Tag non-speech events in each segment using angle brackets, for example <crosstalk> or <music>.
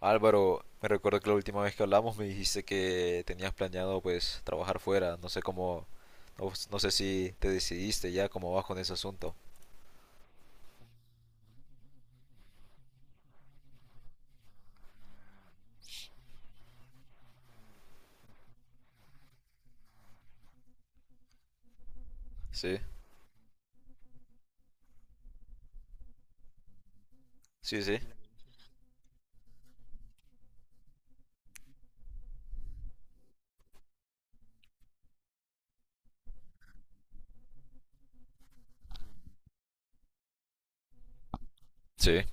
Álvaro, me recuerdo que la última vez que hablamos me dijiste que tenías planeado pues trabajar fuera. No sé cómo, no sé si te decidiste ya cómo vas con ese asunto. Sí, sí, sí. Sí.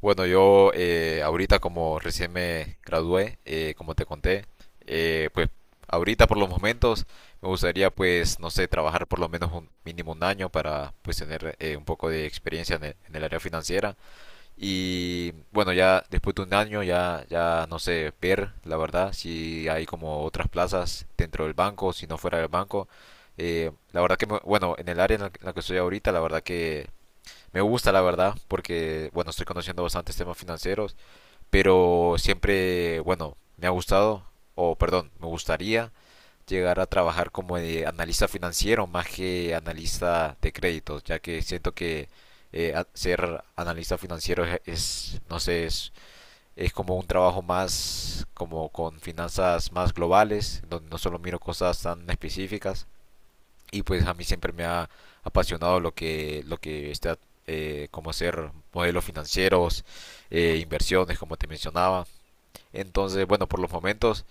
Bueno, yo ahorita como recién me gradué, como te conté, pues ahorita por los momentos me gustaría pues, no sé, trabajar por lo menos un mínimo un año para pues tener un poco de experiencia en el área financiera. Y bueno, ya después de un año ya, ya no sé ver, la verdad, si hay como otras plazas dentro del banco, si no fuera del banco. La verdad que, bueno, en el área en la que estoy ahorita, la verdad que me gusta, la verdad, porque, bueno, estoy conociendo bastantes temas financieros, pero siempre, bueno, me ha gustado, o perdón, me gustaría llegar a trabajar como de analista financiero más que analista de créditos, ya que siento que ser analista financiero no sé, es como un trabajo más como con finanzas más globales, donde no solo miro cosas tan específicas. Y pues a mí siempre me ha apasionado lo que está como hacer modelos financieros, inversiones, como te mencionaba. Entonces, bueno, por los momentos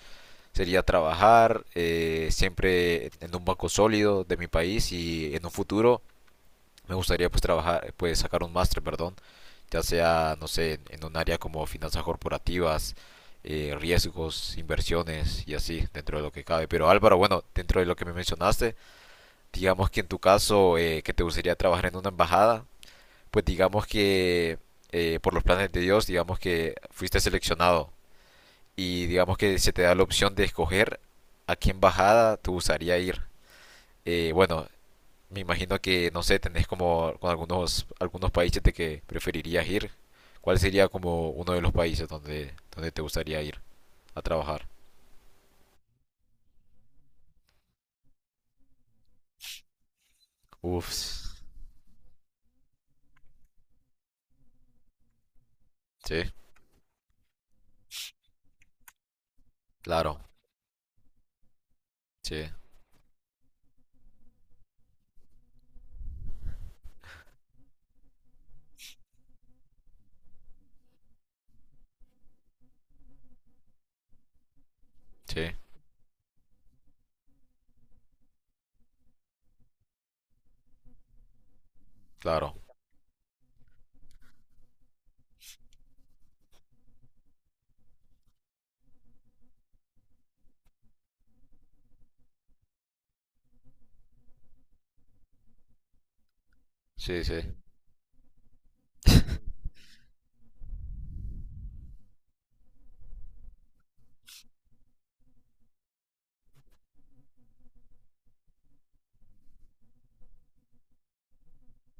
sería trabajar siempre en un banco sólido de mi país y en un futuro me gustaría pues trabajar, pues sacar un máster, perdón, ya sea, no sé, en un área como finanzas corporativas, riesgos, inversiones y así, dentro de lo que cabe. Pero Álvaro, bueno, dentro de lo que me mencionaste, digamos que en tu caso que te gustaría trabajar en una embajada, pues digamos que por los planes de Dios, digamos que fuiste seleccionado y digamos que se te da la opción de escoger a qué embajada te gustaría ir. Bueno, me imagino que, no sé, tenés como con algunos países de que preferirías ir. ¿Cuál sería como uno de los países donde, donde te gustaría ir a trabajar? Uf, sí, claro, sí, sí, claro, sí, sí,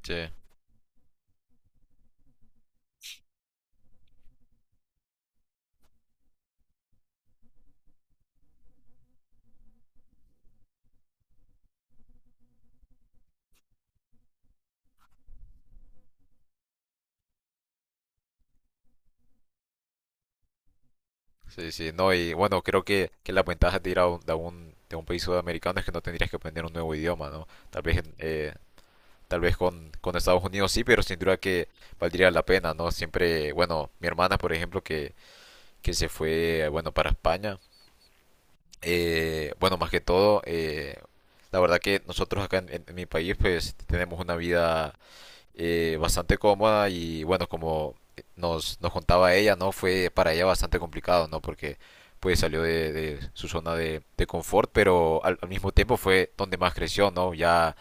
sí, sí, sí. No, y bueno, creo que las ventajas de ir a de un país sudamericano es que no tendrías que aprender un nuevo idioma, ¿no? Tal vez tal vez con Estados Unidos sí, pero sin duda que valdría la pena, ¿no? Siempre, bueno, mi hermana, por ejemplo, que se fue, bueno, para España, bueno, más que todo, la verdad que nosotros acá en mi país, pues tenemos una vida bastante cómoda y bueno, como nos contaba ella, ¿no? Fue para ella bastante complicado, ¿no? Porque pues salió de su zona de confort, pero al mismo tiempo fue donde más creció, ¿no? Ya,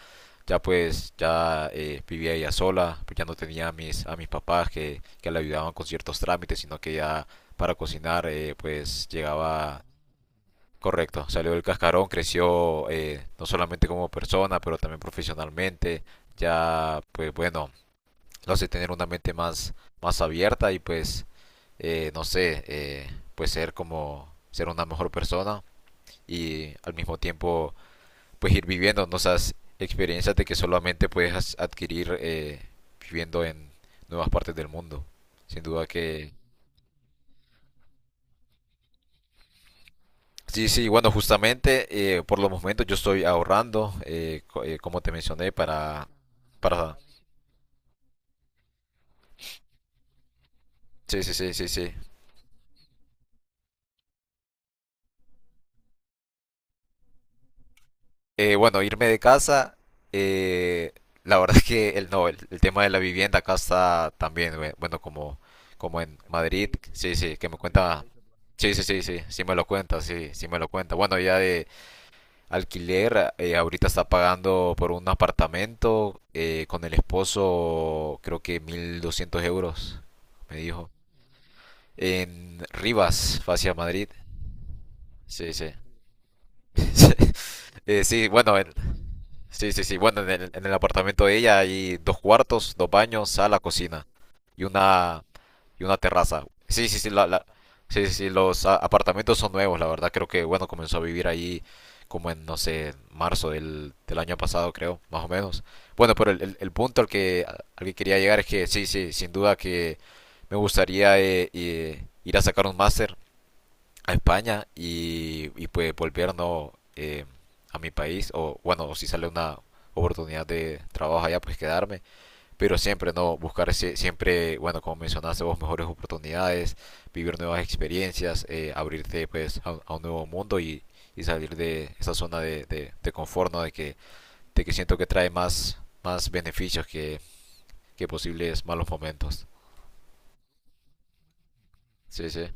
ya pues, ya vivía ella sola, pues ya no tenía a a mis papás que le ayudaban con ciertos trámites, sino que ya para cocinar, pues llegaba... Correcto, salió del cascarón, creció no solamente como persona, pero también profesionalmente. Ya, pues bueno, lo hace tener una mente más, más abierta y pues, no sé, pues ser como, ser una mejor persona y al mismo tiempo pues ir viviendo, ¿no?, esas experiencias de que solamente puedes adquirir viviendo en nuevas partes del mundo. Sin duda que... Sí, sí, bueno, justamente por los momentos yo estoy ahorrando, como te mencioné, para... Sí, sí, sí, sí, sí. Bueno, irme de casa, eh, la verdad <laughs> es que el, no, el tema de la vivienda acá está también, bueno, como, como en Madrid, sí, sí, que me cuenta, sí, sí, sí, sí, sí me lo cuenta, sí, sí me lo cuenta. Bueno, ya de alquiler, ahorita está pagando por un apartamento con el esposo, creo que 1.200 euros, me dijo, en Rivas, hacia Madrid, sí, sí. <laughs> Sí, bueno, el- sí, sí, sí. Bueno, en el apartamento de ella hay dos cuartos, dos baños, sala, cocina y una y una terraza. Sí, sí, sí, la- sí, sí, sí, los apartamentos son nuevos, la verdad. Creo que, bueno, comenzó a vivir ahí como en, no sé, marzo del, del año pasado, creo, más o menos. Bueno, pero el, el punto al que quería llegar es que sí, sí, sin duda que me gustaría ir a sacar un máster a España y pues volvernos a mi país o bueno, o si sale una oportunidad de trabajo allá, pues quedarme, pero siempre no buscar siempre, bueno, como mencionaste vos, mejores oportunidades, vivir nuevas experiencias, abrirte pues a un nuevo mundo y salir de esa zona de confort, ¿no? De que siento que trae más, más beneficios que posibles malos momentos. Sí, sí,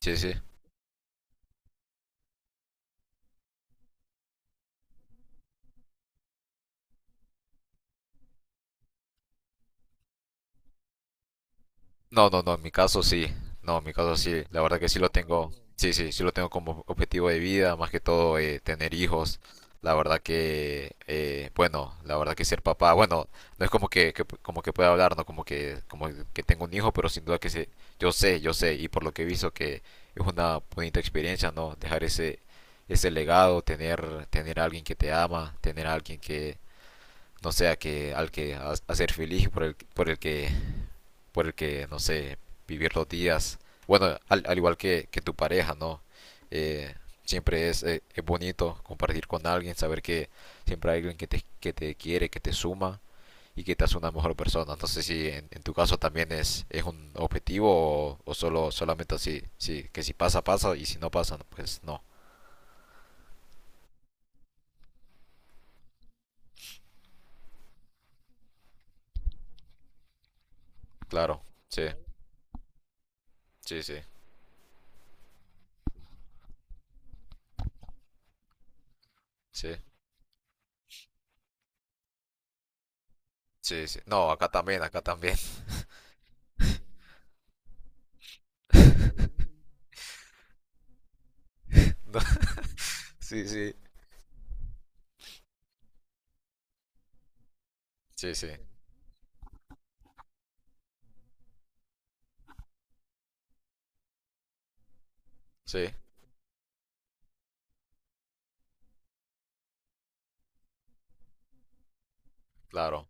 sí, sí. No, no, no, en mi caso sí. No, en mi caso sí. La verdad que sí lo tengo. Sí, sí, sí lo tengo como objetivo de vida, más que todo tener hijos. La verdad que, bueno, la verdad que ser papá, bueno, no es como que, como que pueda hablar, no como que, como que tengo un hijo, pero sin duda que sé, yo sé, yo sé, y por lo que he visto que es una bonita experiencia, ¿no? Dejar ese, ese legado, tener, tener a alguien que te ama, tener a alguien que, no sea que, hacer feliz, por el que, no sé, vivir los días. Bueno, al, al igual que tu pareja, ¿no? Eh, siempre es bonito compartir con alguien, saber que siempre hay alguien que te quiere, que te suma y que te hace una mejor persona. No sé si en, en tu caso también es un objetivo o solo solamente así, sí, que si pasa, pasa y si no pasa, no, pues no. Claro, sí, sí, sí, sí, sí, sí. No, acá también, acá también. <laughs> No, sí, sí, sí, sí, sí, claro,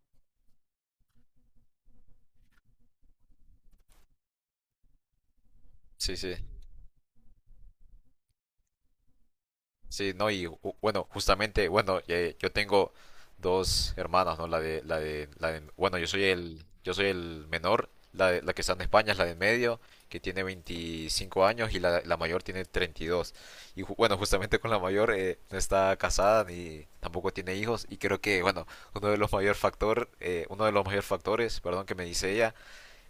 sí, sí. Sí, no, bueno, justamente, bueno, yo tengo dos hermanas, ¿no? Bueno, yo soy el menor, la que está en España es la de en medio, que tiene 25 años y la mayor tiene 32. Y dos. Y bueno, justamente con la mayor no está casada ni tampoco tiene hijos y creo que, bueno, uno de los mayor factor, uno de los mayor factores, perdón, que me dice ella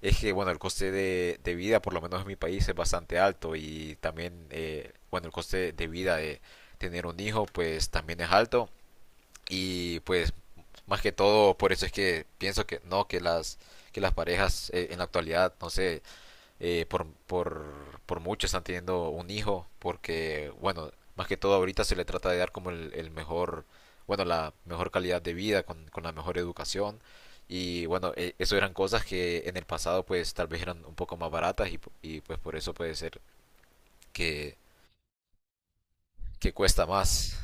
es que, bueno, el coste de vida, por lo menos en mi país, es bastante alto y también, bueno, el coste de vida de tener un hijo, pues también es alto y pues más que todo por eso es que pienso que no, que las parejas en la actualidad, no sé, eh, por, por, por mucho están teniendo un hijo, porque, bueno, más que todo ahorita se le trata de dar como el mejor, bueno, la mejor calidad de vida, con la mejor educación. Y bueno, eso eran cosas que en el pasado pues tal vez eran un poco más baratas y, pues por eso puede ser que, que cuesta más.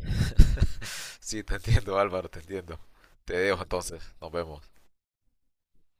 <laughs> Sí, te entiendo, Álvaro, te entiendo. Te dejo entonces, nos vemos.